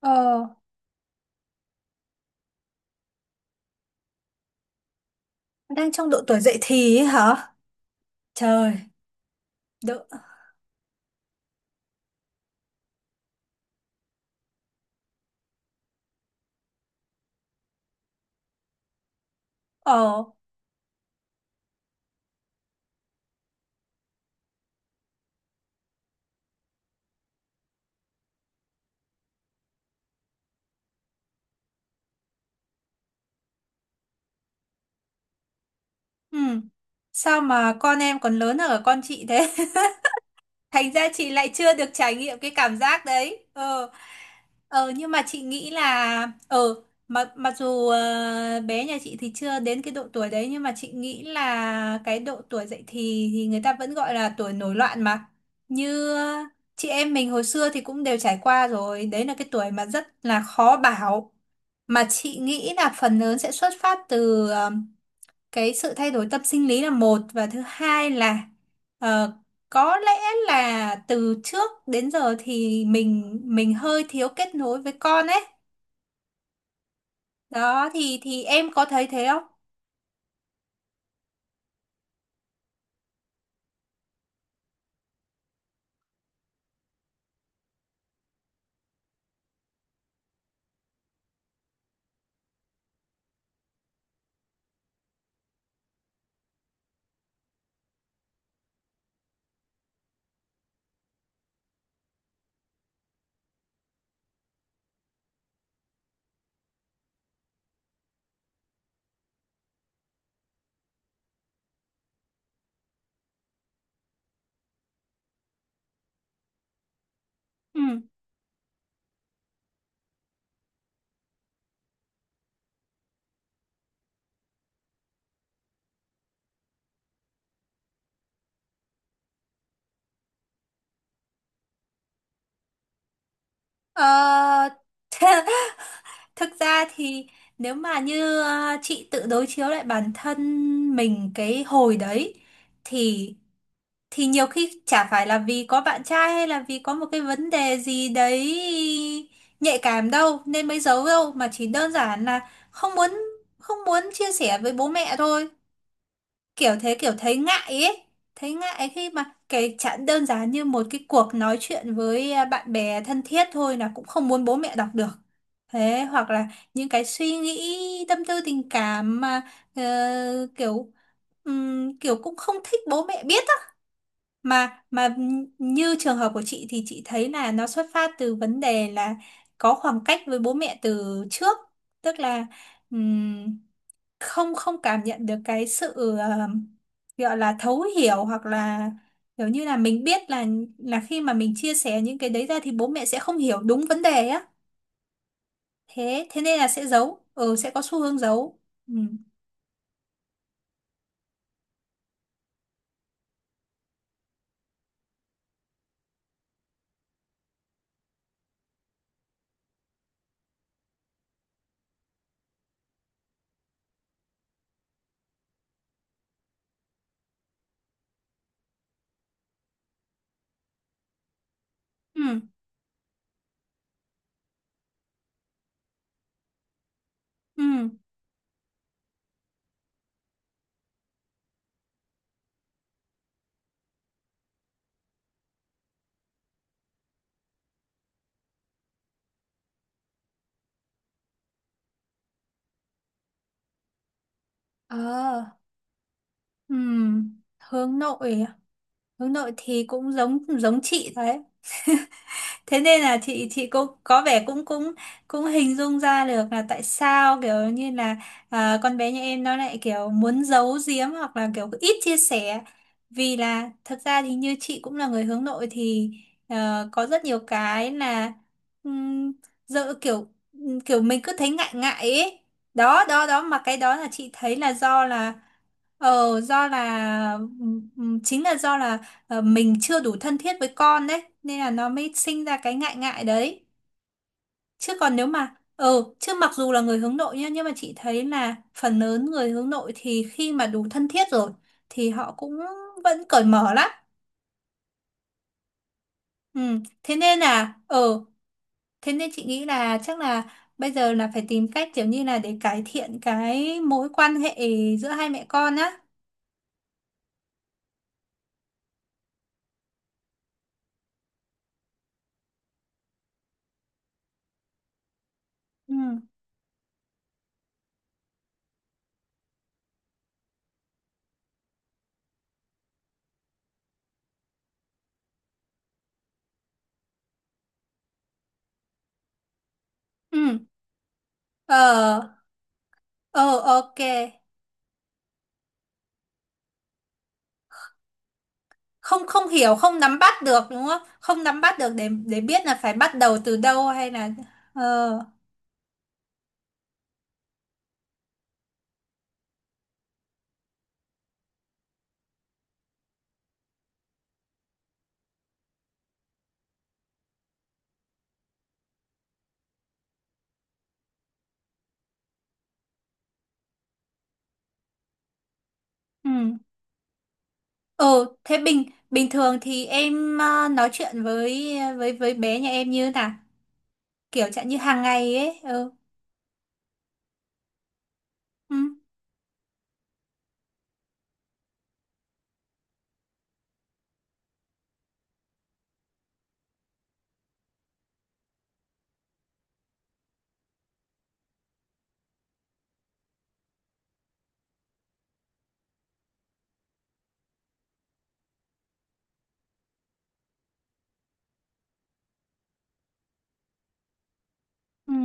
Ờ, Đang trong độ tuổi dậy thì ấy hả? Trời, độ... Ờ, ừ. Sao mà con em còn lớn hơn cả con chị thế? Thành ra chị lại chưa được trải nghiệm cái cảm giác đấy. Ờ. Nhưng mà chị nghĩ là mặc mặc dù bé nhà chị thì chưa đến cái độ tuổi đấy, nhưng mà chị nghĩ là cái độ tuổi dậy thì người ta vẫn gọi là tuổi nổi loạn mà. Như chị em mình hồi xưa thì cũng đều trải qua rồi, đấy là cái tuổi mà rất là khó bảo. Mà chị nghĩ là phần lớn sẽ xuất phát từ cái sự thay đổi tâm sinh lý là một, và thứ hai là ờ, có lẽ là từ trước đến giờ thì mình hơi thiếu kết nối với con ấy. Đó thì em có thấy thế không? Ừ. Ờ, thực ra thì nếu mà như chị tự đối chiếu lại bản thân mình cái hồi đấy, thì thì nhiều khi chả phải là vì có bạn trai hay là vì có một cái vấn đề gì đấy nhạy cảm đâu nên mới giấu đâu, mà chỉ đơn giản là không muốn, không muốn chia sẻ với bố mẹ thôi, kiểu thế, kiểu thấy ngại ấy, thấy ngại khi mà cái chẳng đơn giản như một cái cuộc nói chuyện với bạn bè thân thiết thôi là cũng không muốn bố mẹ đọc được. Thế hoặc là những cái suy nghĩ tâm tư tình cảm mà ờ, kiểu kiểu cũng không thích bố mẹ biết á. Mà như trường hợp của chị thì chị thấy là nó xuất phát từ vấn đề là có khoảng cách với bố mẹ từ trước. Tức là ừm, không, không cảm nhận được cái sự ờ, gọi là thấu hiểu, hoặc là kiểu như là mình biết là khi mà mình chia sẻ những cái đấy ra thì bố mẹ sẽ không hiểu đúng vấn đề á, thế thế nên là sẽ giấu, ừ, sẽ có xu hướng giấu. Ừ. Ừ. Ừ. Ờ. Ừ. Hướng nội à? Hướng nội thì cũng giống giống chị đấy. Thế nên là chị cũng có vẻ cũng cũng cũng hình dung ra được là tại sao kiểu như là con bé nhà em nó lại kiểu muốn giấu giếm hoặc là kiểu ít chia sẻ. Vì là thật ra thì như chị cũng là người hướng nội thì có rất nhiều cái là um, dợ kiểu, kiểu mình cứ thấy ngại ngại ấy. Đó đó đó, mà cái đó là chị thấy là do là do là chính là do là mình chưa đủ thân thiết với con đấy nên là nó mới sinh ra cái ngại ngại đấy. Chứ còn nếu mà chứ mặc dù là người hướng nội nhá, nhưng mà chị thấy là phần lớn người hướng nội thì khi mà đủ thân thiết rồi thì họ cũng vẫn cởi mở lắm. Ừ. thế nên là thế nên chị nghĩ là chắc là bây giờ là phải tìm cách kiểu như là để cải thiện cái mối quan hệ giữa hai mẹ con á. Ừ. Ừ. Ờ. Ờ, ok. Không, không hiểu, không nắm bắt được, đúng không? Không nắm bắt được để biết là phải bắt đầu từ đâu hay là ờ. Ừ. Ừ. Thế bình bình thường thì em nói chuyện với với bé nhà em như thế nào? Kiểu chẳng như hàng ngày ấy. Ừ. Ừ. Ừ.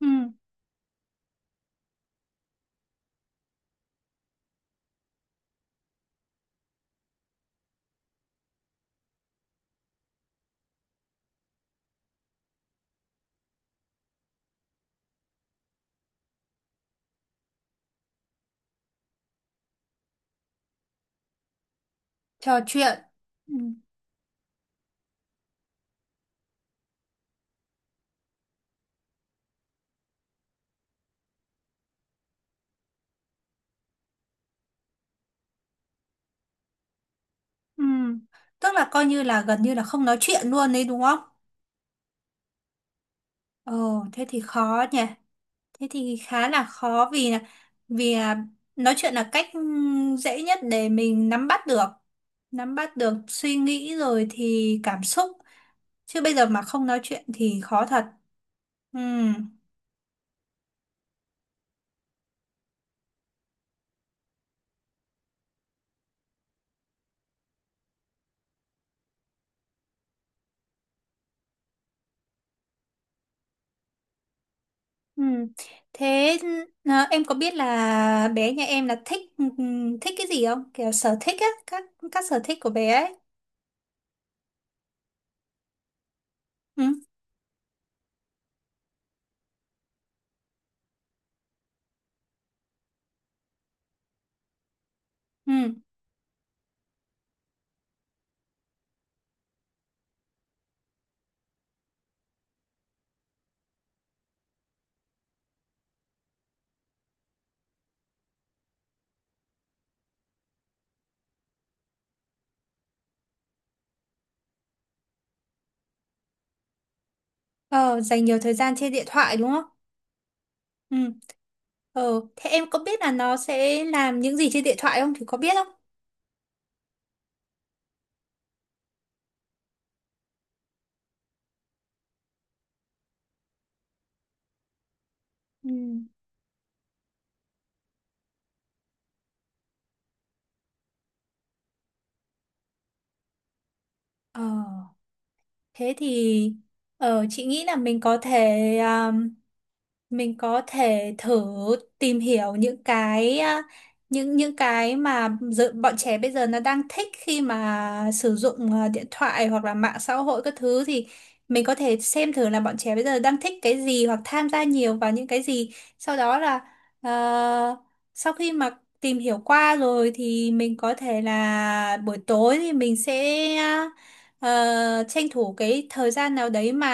Ừ. Trò chuyện. Ừ. Ừ. Tức là coi như là gần như là không nói chuyện luôn đấy đúng không? Ờ. Thế thì khó nhỉ. Thế thì khá là khó vì là vì nói chuyện là cách dễ nhất để mình nắm bắt được suy nghĩ rồi thì cảm xúc. Chứ bây giờ mà không nói chuyện thì khó thật. Ừm, ừm. Thế em có biết là bé nhà em là thích thích cái gì không? Kiểu sở thích á, các sở thích của bé ấy. Ừ, ừ. Ờ, dành nhiều thời gian trên điện thoại đúng không? Ừ. Ờ, thế em có biết là nó sẽ làm những gì trên điện thoại không? Thì có biết không? Ừ. Ờ, thế thì chị nghĩ là mình có thể à, mình có thể thử tìm hiểu những cái những cái mà dự, bọn trẻ bây giờ nó đang thích khi mà sử dụng điện thoại hoặc là mạng xã hội các thứ, thì mình có thể xem thử là bọn trẻ bây giờ đang thích cái gì hoặc tham gia nhiều vào những cái gì. Sau đó là ờ, sau khi mà tìm hiểu qua rồi thì mình có thể là buổi tối thì mình sẽ à, tranh thủ cái thời gian nào đấy mà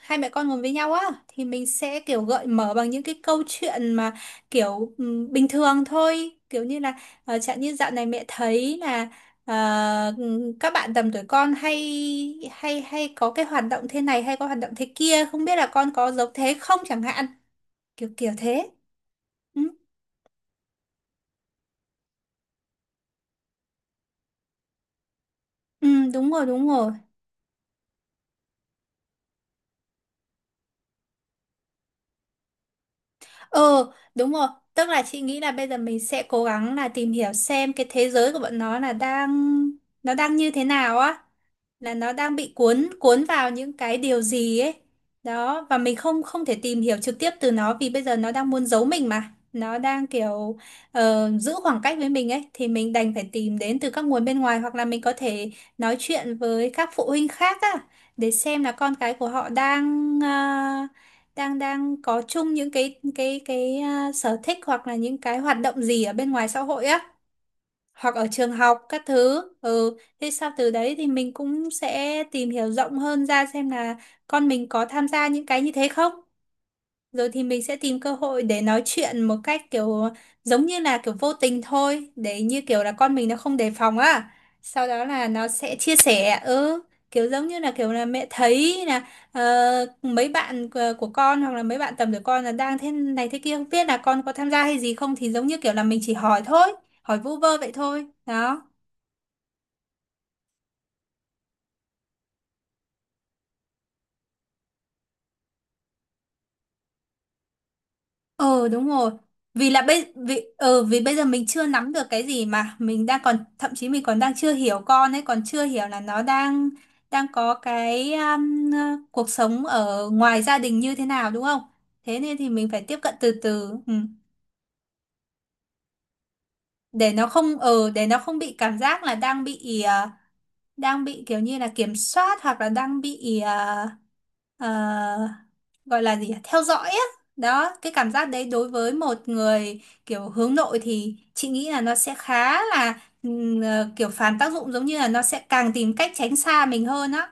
hai mẹ con ngồi với nhau á, thì mình sẽ kiểu gợi mở bằng những cái câu chuyện mà kiểu bình thường thôi, kiểu như là chẳng như dạo này mẹ thấy là ờ, các bạn tầm tuổi con hay hay hay có cái hoạt động thế này hay có hoạt động thế kia, không biết là con có giống thế không chẳng hạn, kiểu kiểu thế. Ừ, ừ, đúng rồi, đúng rồi. Ờ đúng rồi. Tức là chị nghĩ là bây giờ mình sẽ cố gắng là tìm hiểu xem cái thế giới của bọn nó là đang nó đang như thế nào á, là nó đang bị cuốn cuốn vào những cái điều gì ấy. Đó và mình không, không thể tìm hiểu trực tiếp từ nó vì bây giờ nó đang muốn giấu mình mà, nó đang kiểu giữ khoảng cách với mình ấy, thì mình đành phải tìm đến từ các nguồn bên ngoài. Hoặc là mình có thể nói chuyện với các phụ huynh khác á, để xem là con cái của họ đang đang đang có chung những cái cái sở thích hoặc là những cái hoạt động gì ở bên ngoài xã hội á, hoặc ở trường học các thứ. Ừ, thế sau từ đấy thì mình cũng sẽ tìm hiểu rộng hơn ra xem là con mình có tham gia những cái như thế không. Rồi thì mình sẽ tìm cơ hội để nói chuyện một cách kiểu giống như là kiểu vô tình thôi để như kiểu là con mình nó không đề phòng á, sau đó là nó sẽ chia sẻ. Ừ, kiểu giống như là kiểu là mẹ thấy là mấy bạn của con hoặc là mấy bạn tầm tuổi con là đang thế này thế kia, không biết là con có tham gia hay gì không, thì giống như kiểu là mình chỉ hỏi thôi, hỏi vu vơ vậy thôi đó. Ờ đúng rồi. Vì là bây vì ờ vì bây giờ mình chưa nắm được cái gì, mà mình đang còn thậm chí mình còn đang chưa hiểu con ấy, còn chưa hiểu là nó đang đang có cái cuộc sống ở ngoài gia đình như thế nào đúng không? Thế nên thì mình phải tiếp cận từ từ. Ừ. Để nó không để nó không bị cảm giác là đang bị đang bị kiểu như là kiểm soát hoặc là đang bị ờ, gọi là gì nhỉ? Theo dõi á. Đó, cái cảm giác đấy đối với một người kiểu hướng nội thì chị nghĩ là nó sẽ khá là kiểu phản tác dụng, giống như là nó sẽ càng tìm cách tránh xa mình hơn á.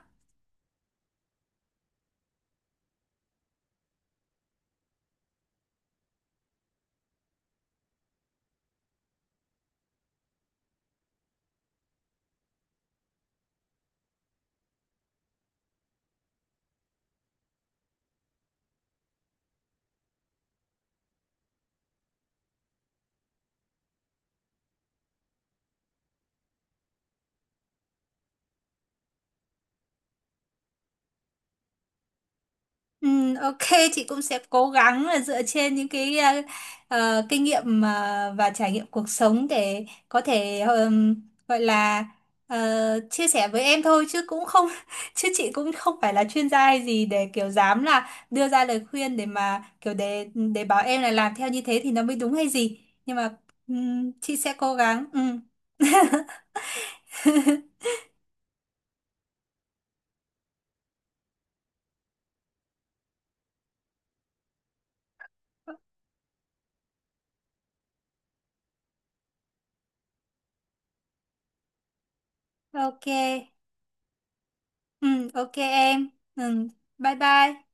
Ừ, ok, chị cũng sẽ cố gắng là dựa trên những cái kinh nghiệm và trải nghiệm cuộc sống để có thể gọi là chia sẻ với em thôi chứ cũng không chứ chị cũng không phải là chuyên gia hay gì để kiểu dám là đưa ra lời khuyên để mà kiểu để bảo em là làm theo như thế thì nó mới đúng hay gì. Nhưng mà chị sẽ cố gắng. Ừ, ok. Ừ, ok em. Ừ, bye bye.